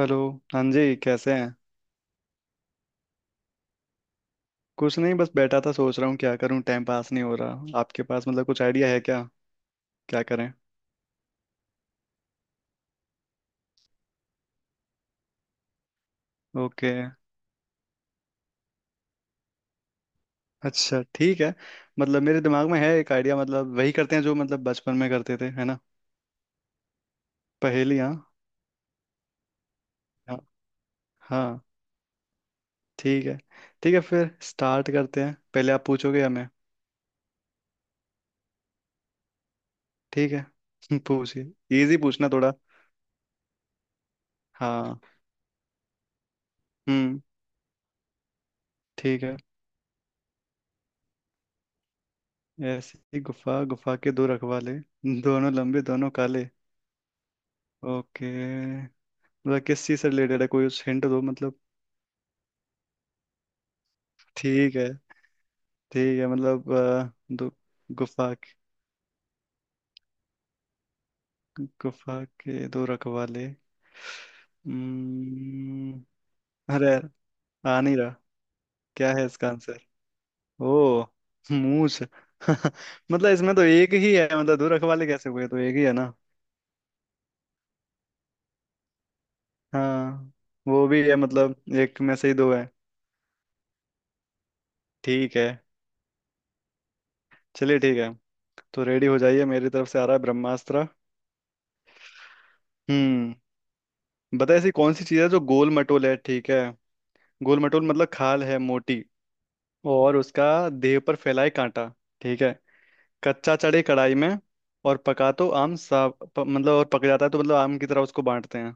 Hello. हाँ जी, कैसे हैं? कुछ नहीं, बस बैठा था, सोच रहा हूँ क्या करूँ, टाइम पास नहीं हो रहा। आपके पास मतलब कुछ आइडिया है क्या? क्या करें। ओके। अच्छा ठीक है। मतलब मेरे दिमाग में है एक आइडिया, मतलब वही करते हैं जो मतलब बचपन में करते थे, है ना? पहेलियाँ। हाँ हाँ। ठीक है। ठीक है, फिर स्टार्ट करते हैं। पहले आप पूछोगे या मैं? ठीक है। पूछिए। इजी पूछना थोड़ा। हाँ। हम्म। ठीक है। ऐसी गुफा, गुफा के दो रखवाले, दोनों लंबे दोनों काले। ओके। मतलब किस चीज से रिलेटेड है? कोई हिंट दो मतलब। ठीक है। ठीक है मतलब दो। गुफा के- गुफा के दो रखवाले। हम्म। अरे आ नहीं रहा। क्या है इसका आंसर? ओ, मूछ। मतलब इसमें तो एक ही है, मतलब दो रखवाले कैसे हुए? तो एक ही है ना। हाँ। वो भी है मतलब, एक में से ही दो है। ठीक है। चलिए ठीक है। तो रेडी हो जाइए, मेरी तरफ से आ रहा है ब्रह्मास्त्र। हम्म। बता ऐसी कौन सी चीज है जो गोल मटोल है, ठीक है? गोल मटोल, मतलब खाल है मोटी, और उसका देह पर फैलाए कांटा। ठीक है। कच्चा चढ़े कढ़ाई में, और पका तो आम सा मतलब और पक जाता है तो मतलब आम की तरह उसको बांटते हैं।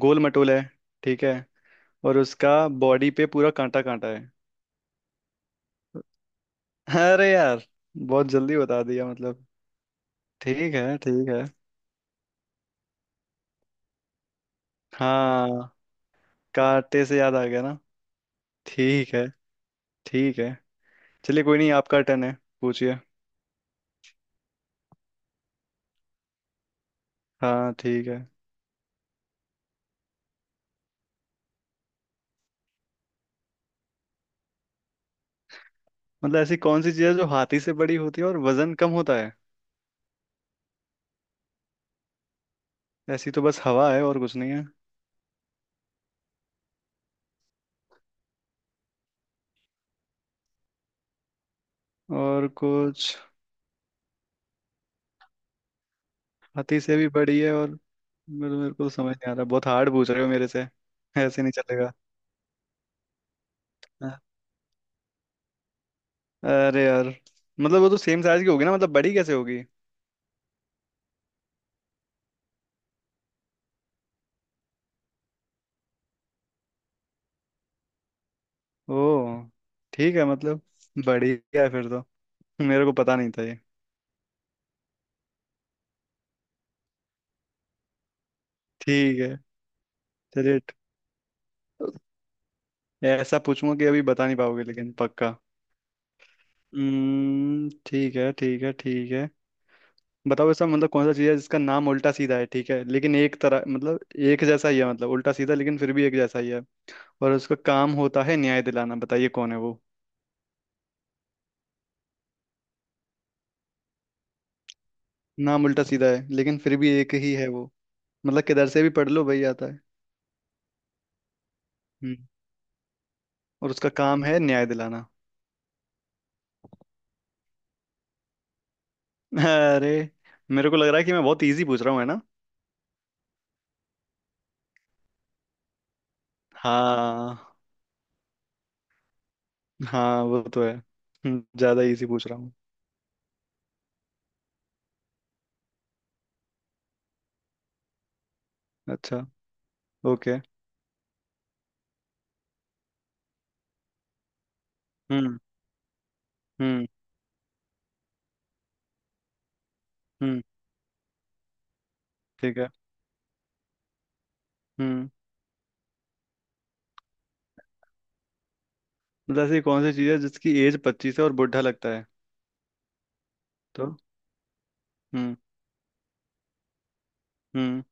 गोल मटोल है, ठीक है। और उसका बॉडी पे पूरा कांटा कांटा है। अरे यार, बहुत जल्दी बता दिया मतलब। ठीक है, ठीक है। हाँ। कांटे से याद आ गया ना। ठीक है, ठीक है। चलिए, कोई नहीं, आपका टर्न है। पूछिए। हाँ, ठीक है। मतलब ऐसी कौन सी चीज़ है जो हाथी से बड़ी होती है और वजन कम होता है? ऐसी तो बस हवा है, और कुछ नहीं है। और कुछ, हाथी से भी बड़ी है, और मेरे मेरे को समझ नहीं आ रहा। बहुत हार्ड पूछ रहे हो मेरे से, ऐसे नहीं चलेगा। हाँ। अरे यार, मतलब वो तो सेम साइज की होगी ना, मतलब बड़ी कैसे होगी? ओ, ठीक है मतलब, बड़ी है फिर तो। मेरे को पता नहीं था ये। ठीक है। चलिए ऐसा पूछूंगा कि अभी बता नहीं पाओगे, लेकिन पक्का। हम्म, ठीक है ठीक है ठीक है। बताओ, ऐसा मतलब कौन सा चीज़ है जिसका नाम उल्टा सीधा है, ठीक है, लेकिन एक तरह मतलब एक जैसा ही है, मतलब उल्टा सीधा लेकिन फिर भी एक जैसा ही है। और उसका काम होता है न्याय दिलाना। बताइए, कौन है वो? नाम उल्टा सीधा है, लेकिन फिर भी एक ही है वो, मतलब किधर से भी पढ़ लो वही आता है। हम्म। और उसका काम है न्याय दिलाना। अरे, मेरे को लग रहा है कि मैं बहुत इजी पूछ रहा हूँ, है ना? हाँ। हाँ वो तो है। ज्यादा इजी पूछ रहा हूँ। अच्छा। ओके। हम्म। हम्म। हम्म। ठीक है। हम्म। मतलब ऐसी कौन सी चीज है जिसकी एज 25 है और बुढ़ा लगता है? तो हम्म। हम्म।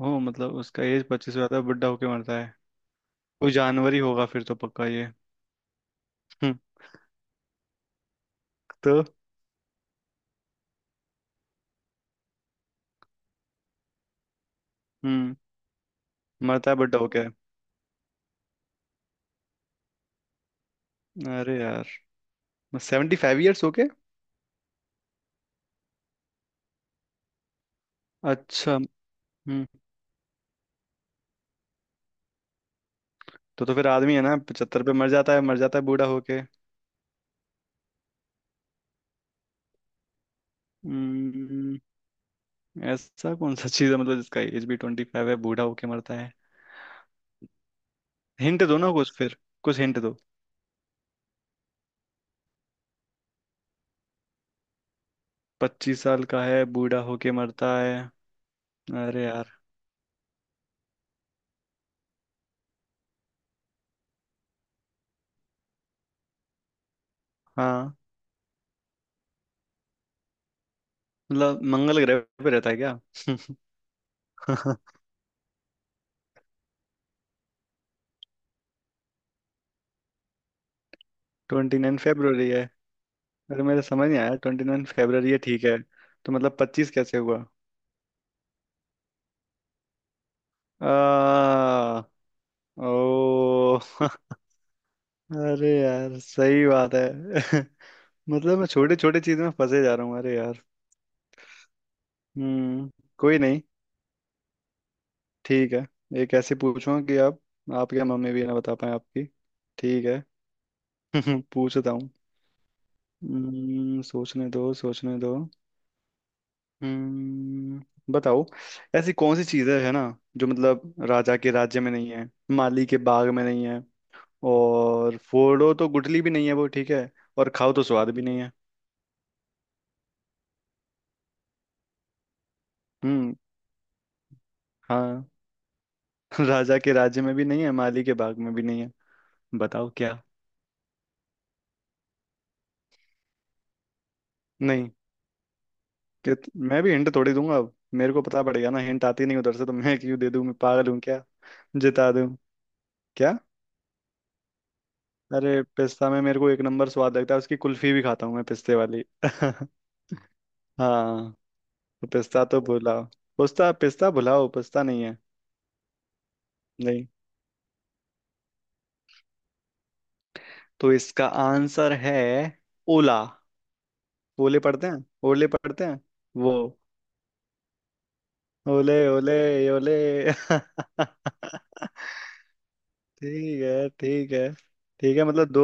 हो, मतलब उसका एज 25 हो जाता है बुढ़ा होके मरता है? कोई जानवर ही होगा फिर तो पक्का ये। हम्म। तो हम्म। मरता है बुढ़ा होके। अरे यार, 75 ईयर्स होके। अच्छा। हम्म। तो फिर आदमी है ना, 75 पे मर जाता है, मर जाता है बूढ़ा होके? हम्म। ऐसा कौन सा चीज है मतलब जिसका एज भी 25 है बूढ़ा होके मरता है? हिंट दो ना कुछ फिर, कुछ हिंट दो। 25 साल का है बूढ़ा होके मरता है? अरे यार। हाँ। मतलब मंगल ग्रह पे रहता है क्या? 29 फेब्रुवरी है? अरे, मेरे समझ नहीं आया। 29 फेब्रुवरी है, ठीक है, तो मतलब 25 कैसे हुआ? आ, ओ। अरे यार, सही बात है। मतलब मैं छोटे छोटे चीज में फंसे जा रहा हूँ, अरे यार। हम्म। कोई नहीं। ठीक है। एक ऐसे पूछो कि आप या मम्मी भी ना बता पाए आपकी। ठीक है। पूछता हूँ। सोचने दो सोचने दो। हम्म, बताओ। ऐसी कौन सी चीजें है ना जो मतलब राजा के राज्य में नहीं है, माली के बाग में नहीं है, और फोड़ो तो गुठली भी नहीं है वो, ठीक है, और खाओ तो स्वाद भी नहीं है। हम्म। हाँ। राजा के राज्य में भी नहीं है, माली के बाग में भी नहीं है। बताओ क्या। नहीं। मैं भी हिंट थोड़ी दूंगा, अब मेरे को पता पड़ेगा ना, हिंट आती नहीं उधर से तो मैं क्यों दे दूं? मैं पागल हूँ क्या, जिता दूं? क्या? अरे, पिस्ता में मेरे को एक नंबर स्वाद लगता है, उसकी कुल्फी भी खाता हूँ मैं, पिस्ते वाली। हाँ। पिस्ता तो भुलाओ, पिस्ता पिस्ता भुलाओ, पिस्ता नहीं है। नहीं। तो इसका आंसर है ओला। ओले पढ़ते हैं, ओले पढ़ते हैं वो। ओले, ओले ओले। ठीक है ठीक है। ठीक है मतलब दो,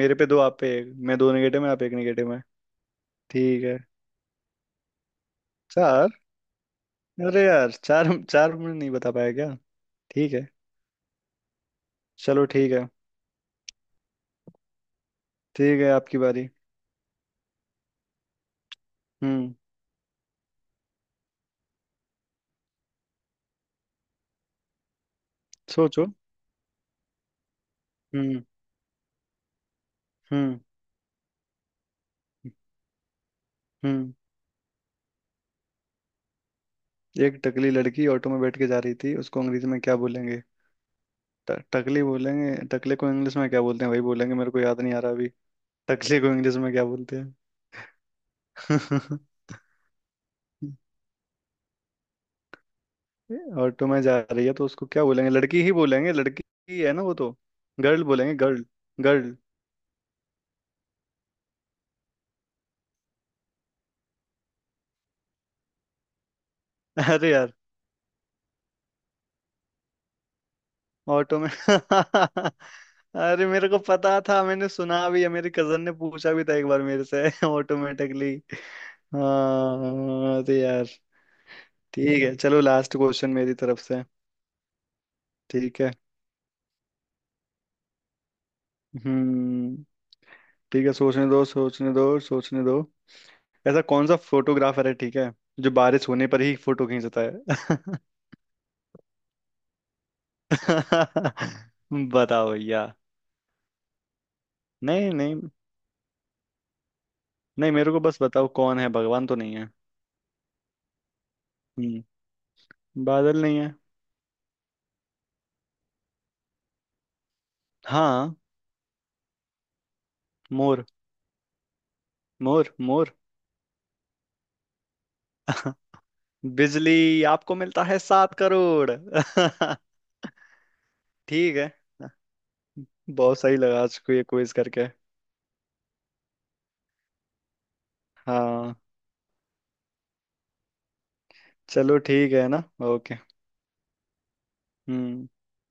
मेरे पे दो आप पे एक, मैं दो निगेटिव में आप एक निगेटिव में। ठीक है। चार। अरे यार, चार, चार में नहीं बता पाया क्या? ठीक है। चलो ठीक है। ठीक है, आपकी बारी। हम्म। सोचो। हम्म। हम्म। हम्म। एक टकली लड़की ऑटो में बैठ के जा रही थी, उसको अंग्रेजी में क्या बोलेंगे? टकली बोलेंगे, टकले को इंग्लिश में क्या बोलते हैं वही बोलेंगे, मेरे को याद नहीं आ रहा अभी। टकले को इंग्लिश में क्या बोलते हैं? ऑटो में जा रही है तो उसको क्या बोलेंगे? लड़की ही बोलेंगे, लड़की ही है ना वो तो। गर्ल बोलेंगे, गर्ल, गर्ल। अरे यार। ऑटो में। अरे, मेरे को पता था, मैंने सुना भी है, मेरी कजन ने पूछा भी था एक बार मेरे से। ऑटोमेटिकली। हाँ, अरे यार। ठीक है, चलो लास्ट क्वेश्चन मेरी तरफ से। ठीक है। हम्म। ठीक है, सोचने दो सोचने दो सोचने दो। ऐसा कौन सा फोटोग्राफर है, ठीक है, जो बारिश होने पर ही फोटो खींचता है? बताओ भैया। नहीं नहीं नहीं, मेरे को बस बताओ कौन है, भगवान तो नहीं है। हम्म। बादल नहीं है। हाँ। मोर। मोर मोर। बिजली? आपको मिलता है 7 करोड़। ठीक है। बहुत सही लगा आज को ये क्विज करके। हाँ। चलो ठीक है ना, ओके। हम्म।